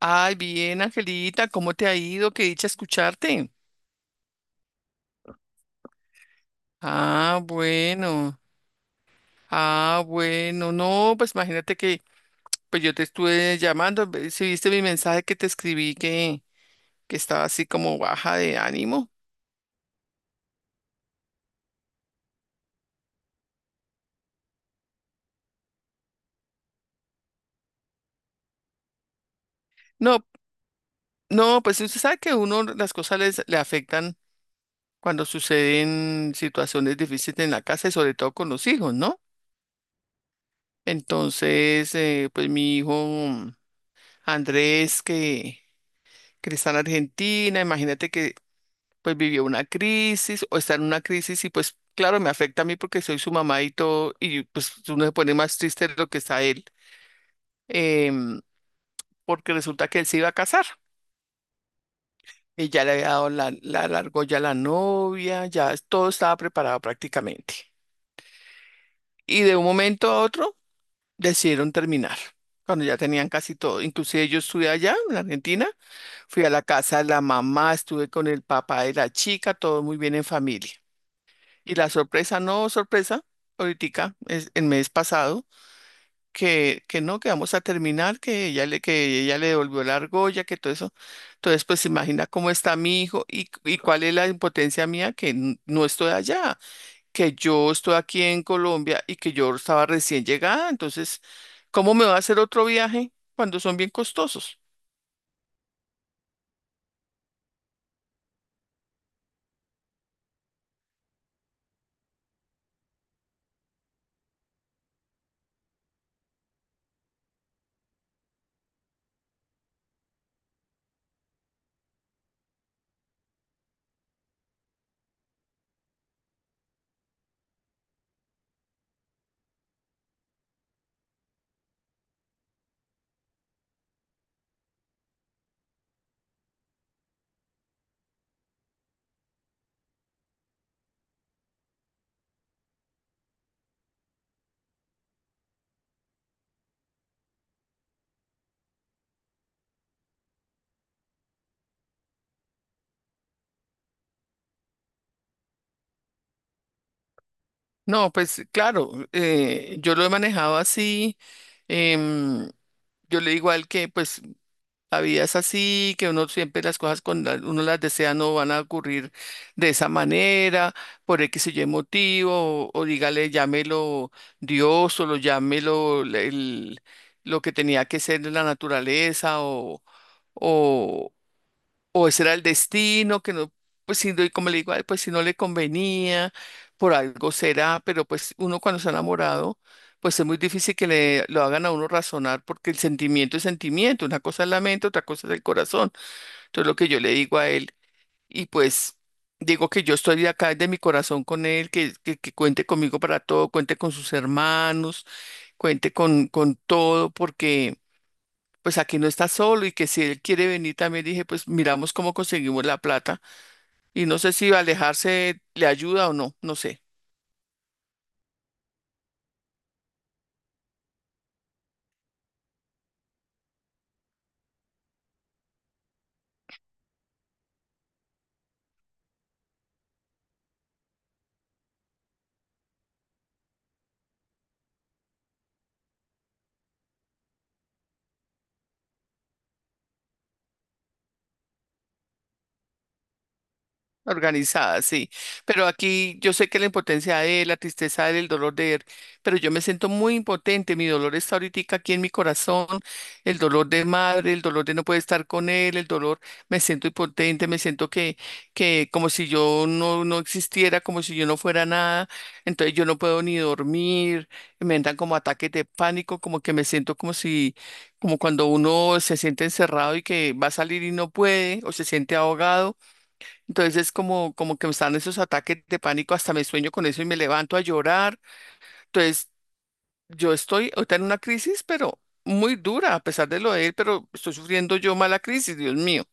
Ay, bien, Angelita, ¿cómo te ha ido? Qué dicha escucharte. Ah, bueno. Ah, bueno. No, pues imagínate que pues yo te estuve llamando, si viste mi mensaje que te escribí que estaba así como baja de ánimo. No, no, pues usted sabe que uno las cosas le afectan cuando suceden situaciones difíciles en la casa y sobre todo con los hijos, ¿no? Entonces, pues mi hijo Andrés que está en Argentina. Imagínate que pues vivió una crisis o está en una crisis y pues claro, me afecta a mí porque soy su mamá y todo, y pues uno se pone más triste de lo que está él, em, porque resulta que él se iba a casar. Y ya le había dado la argolla a la novia, todo estaba preparado prácticamente. Y de un momento a otro decidieron terminar, cuando ya tenían casi todo. Inclusive yo estuve allá en Argentina, fui a la casa de la mamá, estuve con el papá de la chica, todo muy bien en familia. Y la sorpresa, no sorpresa, ahorita, es el mes pasado, que no, que vamos a terminar, que ella le devolvió la argolla, que todo eso. Entonces, pues imagina cómo está mi hijo y cuál es la impotencia mía, que no estoy allá, que yo estoy aquí en Colombia y que yo estaba recién llegada. Entonces, ¿cómo me va a hacer otro viaje cuando son bien costosos? No, pues claro, yo lo he manejado así. em, yo le digo a él que pues la vida es así, que uno siempre las cosas cuando uno las desea no van a ocurrir de esa manera, por X o Y motivo, o dígale, llámelo Dios, o lo llámelo lo que tenía que ser la naturaleza, o, o ese era el destino, que no, pues y como le digo: "Ay, pues si no le convenía, por algo será", pero pues uno cuando se ha enamorado, pues es muy difícil que le lo hagan a uno razonar, porque el sentimiento es sentimiento, una cosa es la mente, otra cosa es el corazón. Entonces lo que yo le digo a él, y pues digo que yo estoy acá de mi corazón con él, que cuente conmigo para todo, cuente con sus hermanos, cuente con todo, porque pues aquí no está solo y que si él quiere venir también dije, pues miramos cómo conseguimos la plata y no sé si alejarse le ayuda o no, no sé. Organizada, sí. Pero aquí yo sé que la impotencia de él, la tristeza de él, el dolor de él, pero yo me siento muy impotente. Mi dolor está ahorita aquí en mi corazón, el dolor de madre, el dolor de no poder estar con él, el dolor, me siento impotente, me siento que como si yo no existiera, como si yo no fuera nada. Entonces yo no puedo ni dormir, me entran como ataques de pánico, como que me siento como si, como cuando uno se siente encerrado y que va a salir y no puede, o se siente ahogado entonces, como que me están esos ataques de pánico, hasta me sueño con eso y me levanto a llorar. Entonces, yo estoy ahorita en una crisis, pero muy dura, a pesar de lo de él, pero estoy sufriendo yo mala crisis, Dios mío.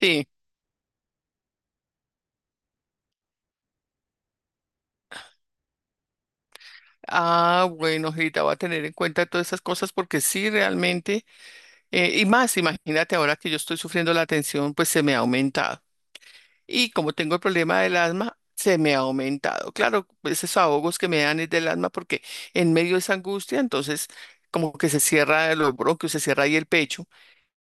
Sí. Ah, bueno, Rita, voy a tener en cuenta todas esas cosas porque sí, realmente, y más, imagínate ahora que yo estoy sufriendo la tensión, pues se me ha aumentado. Y como tengo el problema del asma, se me ha aumentado. Claro, esos ahogos que me dan es del asma porque en medio de esa angustia, entonces como que se cierra los bronquios, se cierra ahí el pecho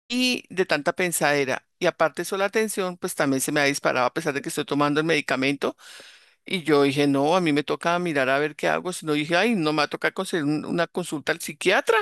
y de tanta pensadera. Y aparte de eso, la tensión, pues también se me ha disparado a pesar de que estoy tomando el medicamento. Y yo dije, no, a mí me toca mirar a ver qué hago. Si no, dije, ay, no me va a tocar conseguir una consulta al psiquiatra.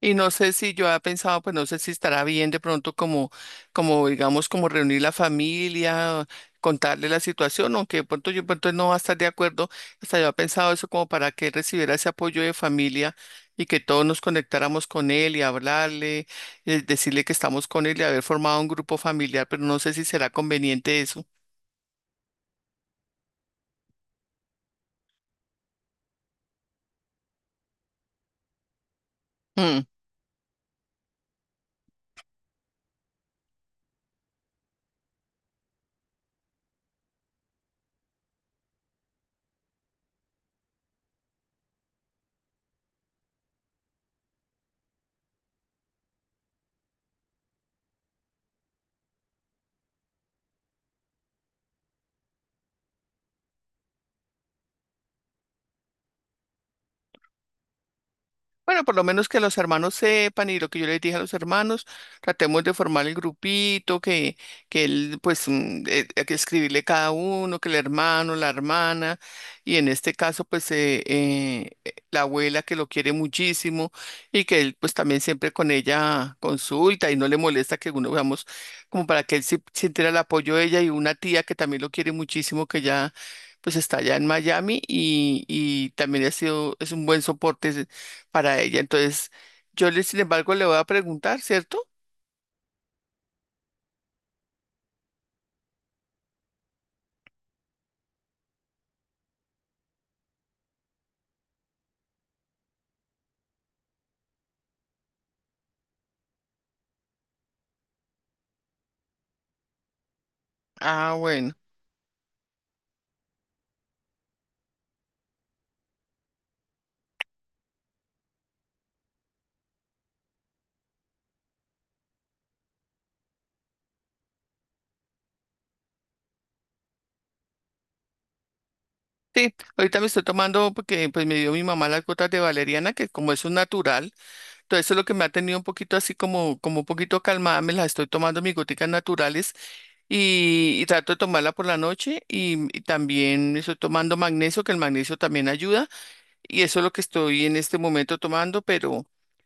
Y no sé si yo había pensado, pues no sé si estará bien de pronto como digamos, como reunir la familia, contarle la situación, aunque de pronto yo de pronto no va a estar de acuerdo. Hasta yo había pensado eso como para que él recibiera ese apoyo de familia y que todos nos conectáramos con él y hablarle, decirle que estamos con él y haber formado un grupo familiar, pero no sé si será conveniente eso. Mm. Bueno, por lo menos que los hermanos sepan y lo que yo les dije a los hermanos, tratemos de formar el grupito, que él, pues, hay que escribirle cada uno, que el hermano, la hermana, y en este caso, pues, la abuela que lo quiere muchísimo y que él, pues, también siempre con ella consulta y no le molesta que uno, veamos, como para que él sintiera el apoyo de ella y una tía que también lo quiere muchísimo, que ya... pues está allá en Miami y también ha sido, es un buen soporte para ella. Entonces, yo le, sin embargo, le voy a preguntar, ¿cierto? Ah, bueno. Sí, ahorita me estoy tomando porque pues me dio mi mamá las gotas de valeriana, que como es un natural, todo eso es lo que me ha tenido un poquito así como, como un poquito calmada, me las estoy tomando mis goticas naturales y trato de tomarla por la noche y también estoy tomando magnesio, que el magnesio también ayuda. Y eso es lo que estoy en este momento tomando,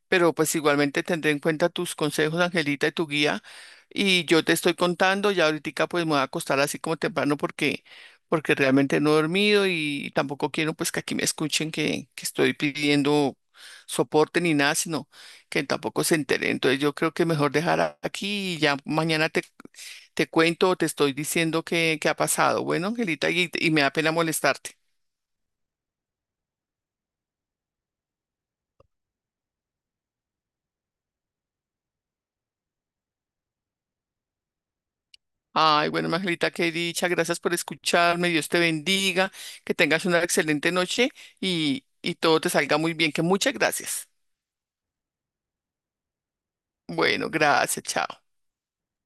pero pues igualmente tendré en cuenta tus consejos, Angelita, y tu guía. Y yo te estoy contando, ya ahorita pues me voy a acostar así como temprano porque, porque realmente no he dormido y tampoco quiero pues que aquí me escuchen que estoy pidiendo soporte ni nada, sino que tampoco se enteren. Entonces yo creo que mejor dejar aquí y ya mañana te, te cuento o te estoy diciendo qué ha pasado. Bueno, Angelita, y me da pena molestarte. Ay, bueno, Margarita, qué dicha. Gracias por escucharme. Dios te bendiga. Que tengas una excelente noche y todo te salga muy bien. Que muchas gracias. Bueno, gracias. Chao.